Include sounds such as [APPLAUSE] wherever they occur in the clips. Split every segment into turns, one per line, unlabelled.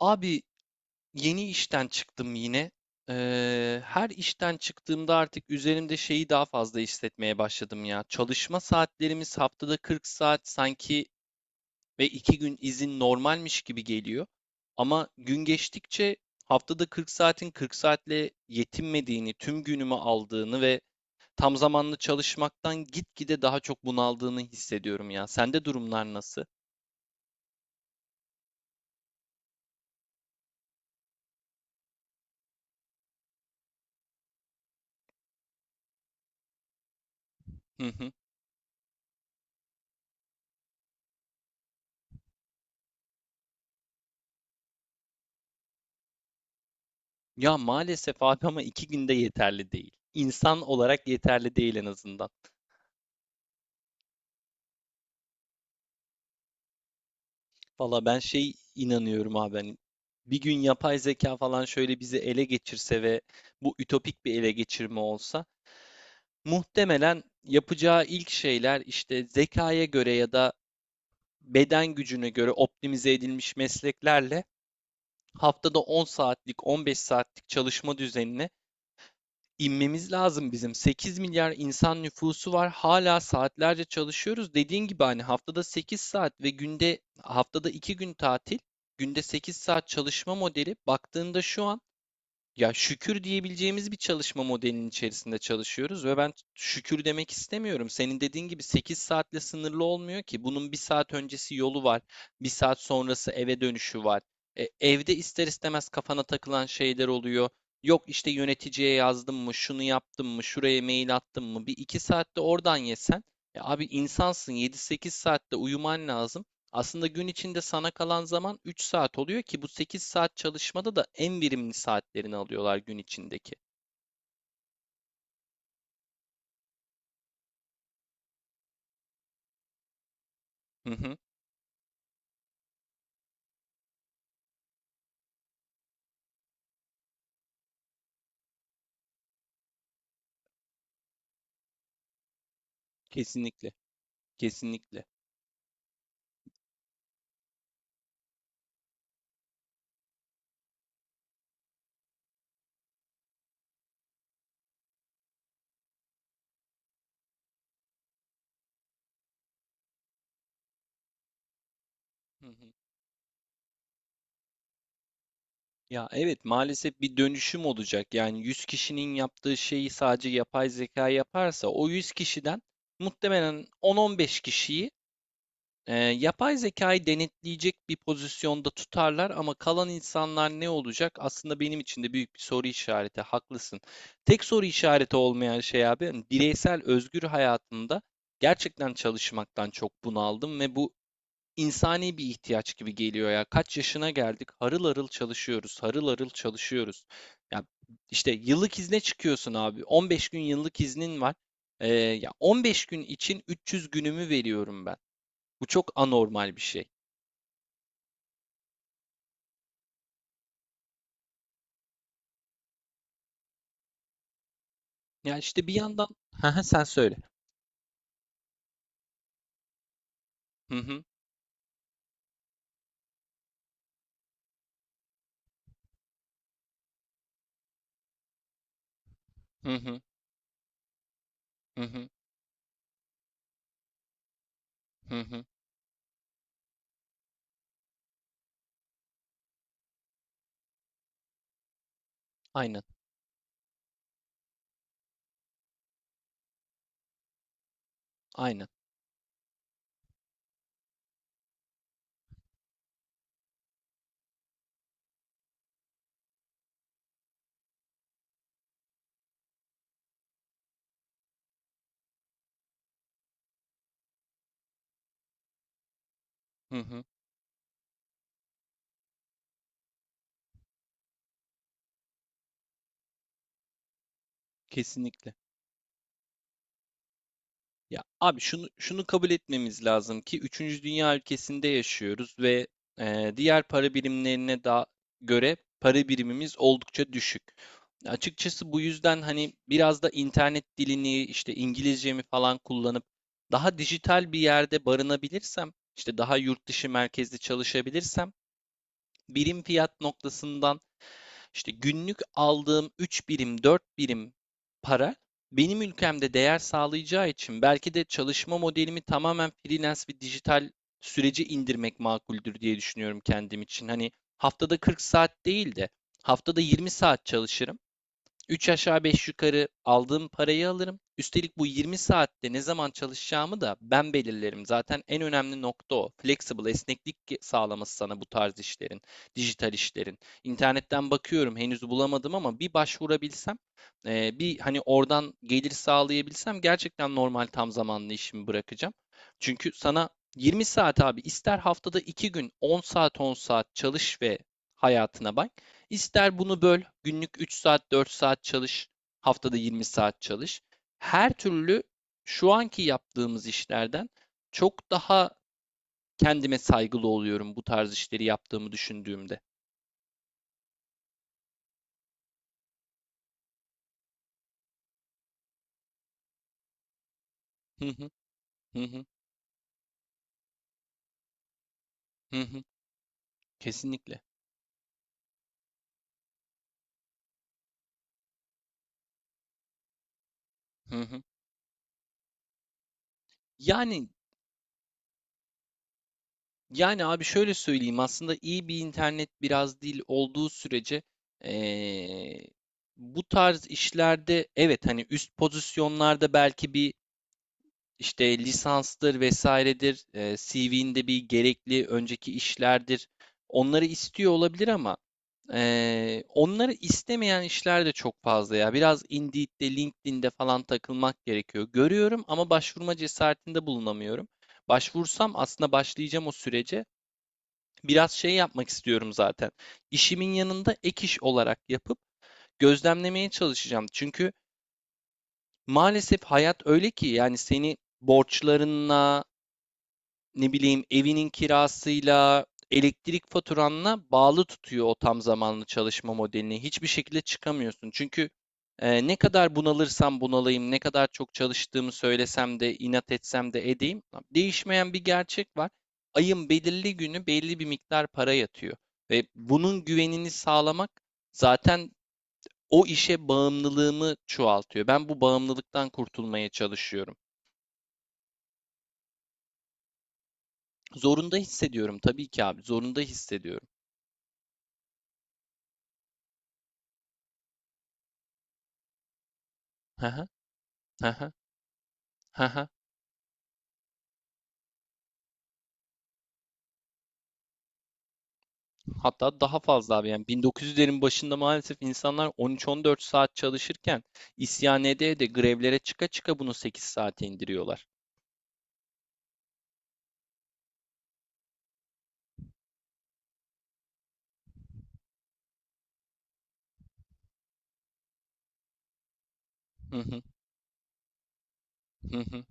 Abi yeni işten çıktım yine. Her işten çıktığımda artık üzerimde şeyi daha fazla hissetmeye başladım ya. Çalışma saatlerimiz haftada 40 saat sanki ve 2 gün izin normalmiş gibi geliyor. Ama gün geçtikçe haftada 40 saatin 40 saatle yetinmediğini, tüm günümü aldığını ve tam zamanlı çalışmaktan gitgide daha çok bunaldığını hissediyorum ya. Sende durumlar nasıl? [LAUGHS] Ya maalesef abi ama iki günde yeterli değil. İnsan olarak yeterli değil en azından. Valla ben şey inanıyorum abi, hani bir gün yapay zeka falan şöyle bizi ele geçirse ve bu ütopik bir ele geçirme olsa muhtemelen yapacağı ilk şeyler işte zekaya göre ya da beden gücüne göre optimize edilmiş mesleklerle haftada 10 saatlik 15 saatlik çalışma düzenine inmemiz lazım bizim. 8 milyar insan nüfusu var. Hala saatlerce çalışıyoruz. Dediğin gibi hani haftada 8 saat ve günde haftada 2 gün tatil, günde 8 saat çalışma modeli baktığında şu an ya şükür diyebileceğimiz bir çalışma modelinin içerisinde çalışıyoruz ve ben şükür demek istemiyorum. Senin dediğin gibi 8 saatle sınırlı olmuyor ki. Bunun bir saat öncesi yolu var, bir saat sonrası eve dönüşü var. Evde ister istemez kafana takılan şeyler oluyor. Yok işte yöneticiye yazdım mı, şunu yaptım mı, şuraya mail attım mı? Bir iki saatte oradan yesen. Ya abi insansın, yedi sekiz saatte uyuman lazım. Aslında gün içinde sana kalan zaman 3 saat oluyor ki bu 8 saat çalışmada da en verimli saatlerini alıyorlar gün içindeki. Hı hı. Kesinlikle. Kesinlikle. Hı hı. Ya evet, maalesef bir dönüşüm olacak. Yani 100 kişinin yaptığı şeyi sadece yapay zeka yaparsa o 100 kişiden muhtemelen 10-15 kişiyi yapay zekayı denetleyecek bir pozisyonda tutarlar ama kalan insanlar ne olacak? Aslında benim için de büyük bir soru işareti. Haklısın. Tek soru işareti olmayan şey abi, hani bireysel özgür hayatımda gerçekten çalışmaktan çok bunaldım ve bu insani bir ihtiyaç gibi geliyor ya. Kaç yaşına geldik? Harıl harıl çalışıyoruz, harıl harıl çalışıyoruz. Ya işte yıllık izne çıkıyorsun abi. 15 gün yıllık iznin var. Ya 15 gün için 300 günümü veriyorum ben. Bu çok anormal bir şey. Yani işte bir yandan [LAUGHS] Hı hı, sen söyle. Hı hı. Hı hı. Hı hı. Hı hı. Aynen. Aynen. Hı hı. Kesinlikle. Ya abi, şunu kabul etmemiz lazım ki üçüncü dünya ülkesinde yaşıyoruz ve diğer para birimlerine da göre para birimimiz oldukça düşük. Açıkçası bu yüzden hani biraz da internet dilini işte İngilizcemi falan kullanıp daha dijital bir yerde barınabilirsem, işte daha yurt dışı merkezli çalışabilirsem birim fiyat noktasından işte günlük aldığım 3 birim, 4 birim para benim ülkemde değer sağlayacağı için belki de çalışma modelimi tamamen freelance ve dijital sürece indirmek makuldür diye düşünüyorum kendim için. Hani haftada 40 saat değil de haftada 20 saat çalışırım. Üç aşağı beş yukarı aldığım parayı alırım. Üstelik bu 20 saatte ne zaman çalışacağımı da ben belirlerim. Zaten en önemli nokta o. Flexible, esneklik sağlaması sana bu tarz işlerin, dijital işlerin. İnternetten bakıyorum, henüz bulamadım ama bir başvurabilsem, bir hani oradan gelir sağlayabilsem gerçekten normal tam zamanlı işimi bırakacağım. Çünkü sana 20 saat abi, ister haftada 2 gün 10 saat 10 saat çalış ve hayatına bak. İster bunu böl, günlük 3 saat, 4 saat çalış, haftada 20 saat çalış. Her türlü şu anki yaptığımız işlerden çok daha kendime saygılı oluyorum bu tarz işleri yaptığımı düşündüğümde. Hı hı, hı hı, hı hı, kesinlikle. Hı hı. Yani yani abi, şöyle söyleyeyim, aslında iyi bir internet biraz değil olduğu sürece eee, bu tarz işlerde evet, hani üst pozisyonlarda belki bir işte lisanstır vesairedir, CV'nde bir gerekli önceki işlerdir. Onları istiyor olabilir ama onları istemeyen işler de çok fazla ya. Biraz Indeed'de, LinkedIn'de falan takılmak gerekiyor. Görüyorum ama başvurma cesaretinde bulunamıyorum. Başvursam aslında başlayacağım o sürece. Biraz şey yapmak istiyorum zaten. İşimin yanında ek iş olarak yapıp gözlemlemeye çalışacağım. Çünkü maalesef hayat öyle ki yani seni borçlarınla, ne bileyim evinin kirasıyla, elektrik faturanla bağlı tutuyor o tam zamanlı çalışma modelini. Hiçbir şekilde çıkamıyorsun. Çünkü ne kadar bunalırsam bunalayım, ne kadar çok çalıştığımı söylesem de, inat etsem de edeyim, tamam, değişmeyen bir gerçek var. Ayın belirli günü belli bir miktar para yatıyor ve bunun güvenini sağlamak zaten o işe bağımlılığımı çoğaltıyor. Ben bu bağımlılıktan kurtulmaya çalışıyorum. Zorunda hissediyorum tabii ki abi, zorunda hissediyorum. Hı hı, hı hı. Hatta daha fazla abi, yani 1900'lerin başında maalesef insanlar 13-14 saat çalışırken isyan ede ede, grevlere çıka çıka bunu 8 saate indiriyorlar. Hı hı, hı hı,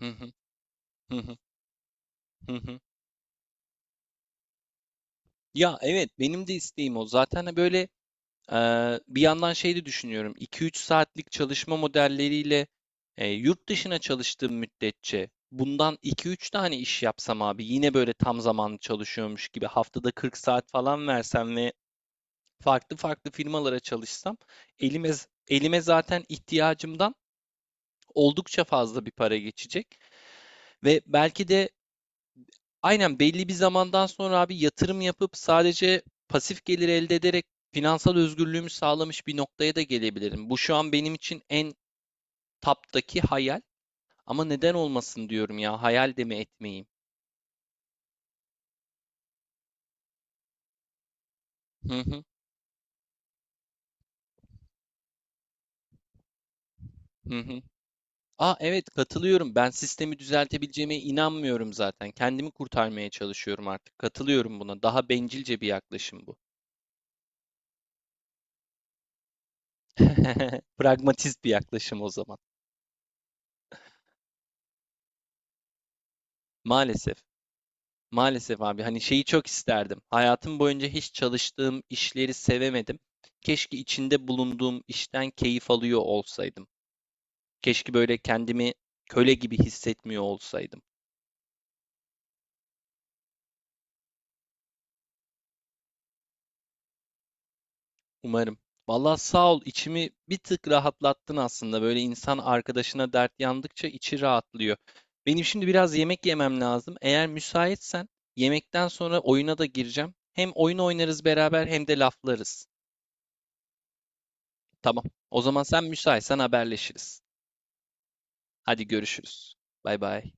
hı hı, hı hı, hı hı. Ya evet, benim de isteğim o. Zaten de böyle bir yandan şey de düşünüyorum. 2 üç saatlik çalışma modelleriyle yurt dışına çalıştığım müddetçe bundan iki üç tane iş yapsam abi, yine böyle tam zamanlı çalışıyormuş gibi haftada 40 saat falan versem ve farklı farklı firmalara çalışsam elime elime zaten ihtiyacımdan oldukça fazla bir para geçecek ve belki de aynen belli bir zamandan sonra abi yatırım yapıp sadece pasif gelir elde ederek finansal özgürlüğümü sağlamış bir noktaya da gelebilirim. Bu şu an benim için en taptaki hayal ama neden olmasın diyorum ya, hayal de mi etmeyeyim? Hı hı, hı hı. Aa evet, katılıyorum. Ben sistemi düzeltebileceğime inanmıyorum zaten. Kendimi kurtarmaya çalışıyorum artık. Katılıyorum buna. Daha bencilce bir yaklaşım bu. [LAUGHS] Pragmatist bir yaklaşım o zaman. Maalesef. Maalesef abi, hani şeyi çok isterdim. Hayatım boyunca hiç çalıştığım işleri sevemedim. Keşke içinde bulunduğum işten keyif alıyor olsaydım. Keşke böyle kendimi köle gibi hissetmiyor olsaydım. Umarım. Vallahi sağ ol, içimi bir tık rahatlattın aslında. Böyle insan arkadaşına dert yandıkça içi rahatlıyor. Benim şimdi biraz yemek yemem lazım. Eğer müsaitsen yemekten sonra oyuna da gireceğim. Hem oyun oynarız beraber hem de laflarız. Tamam. O zaman sen müsaitsen haberleşiriz. Hadi görüşürüz. Bay bay.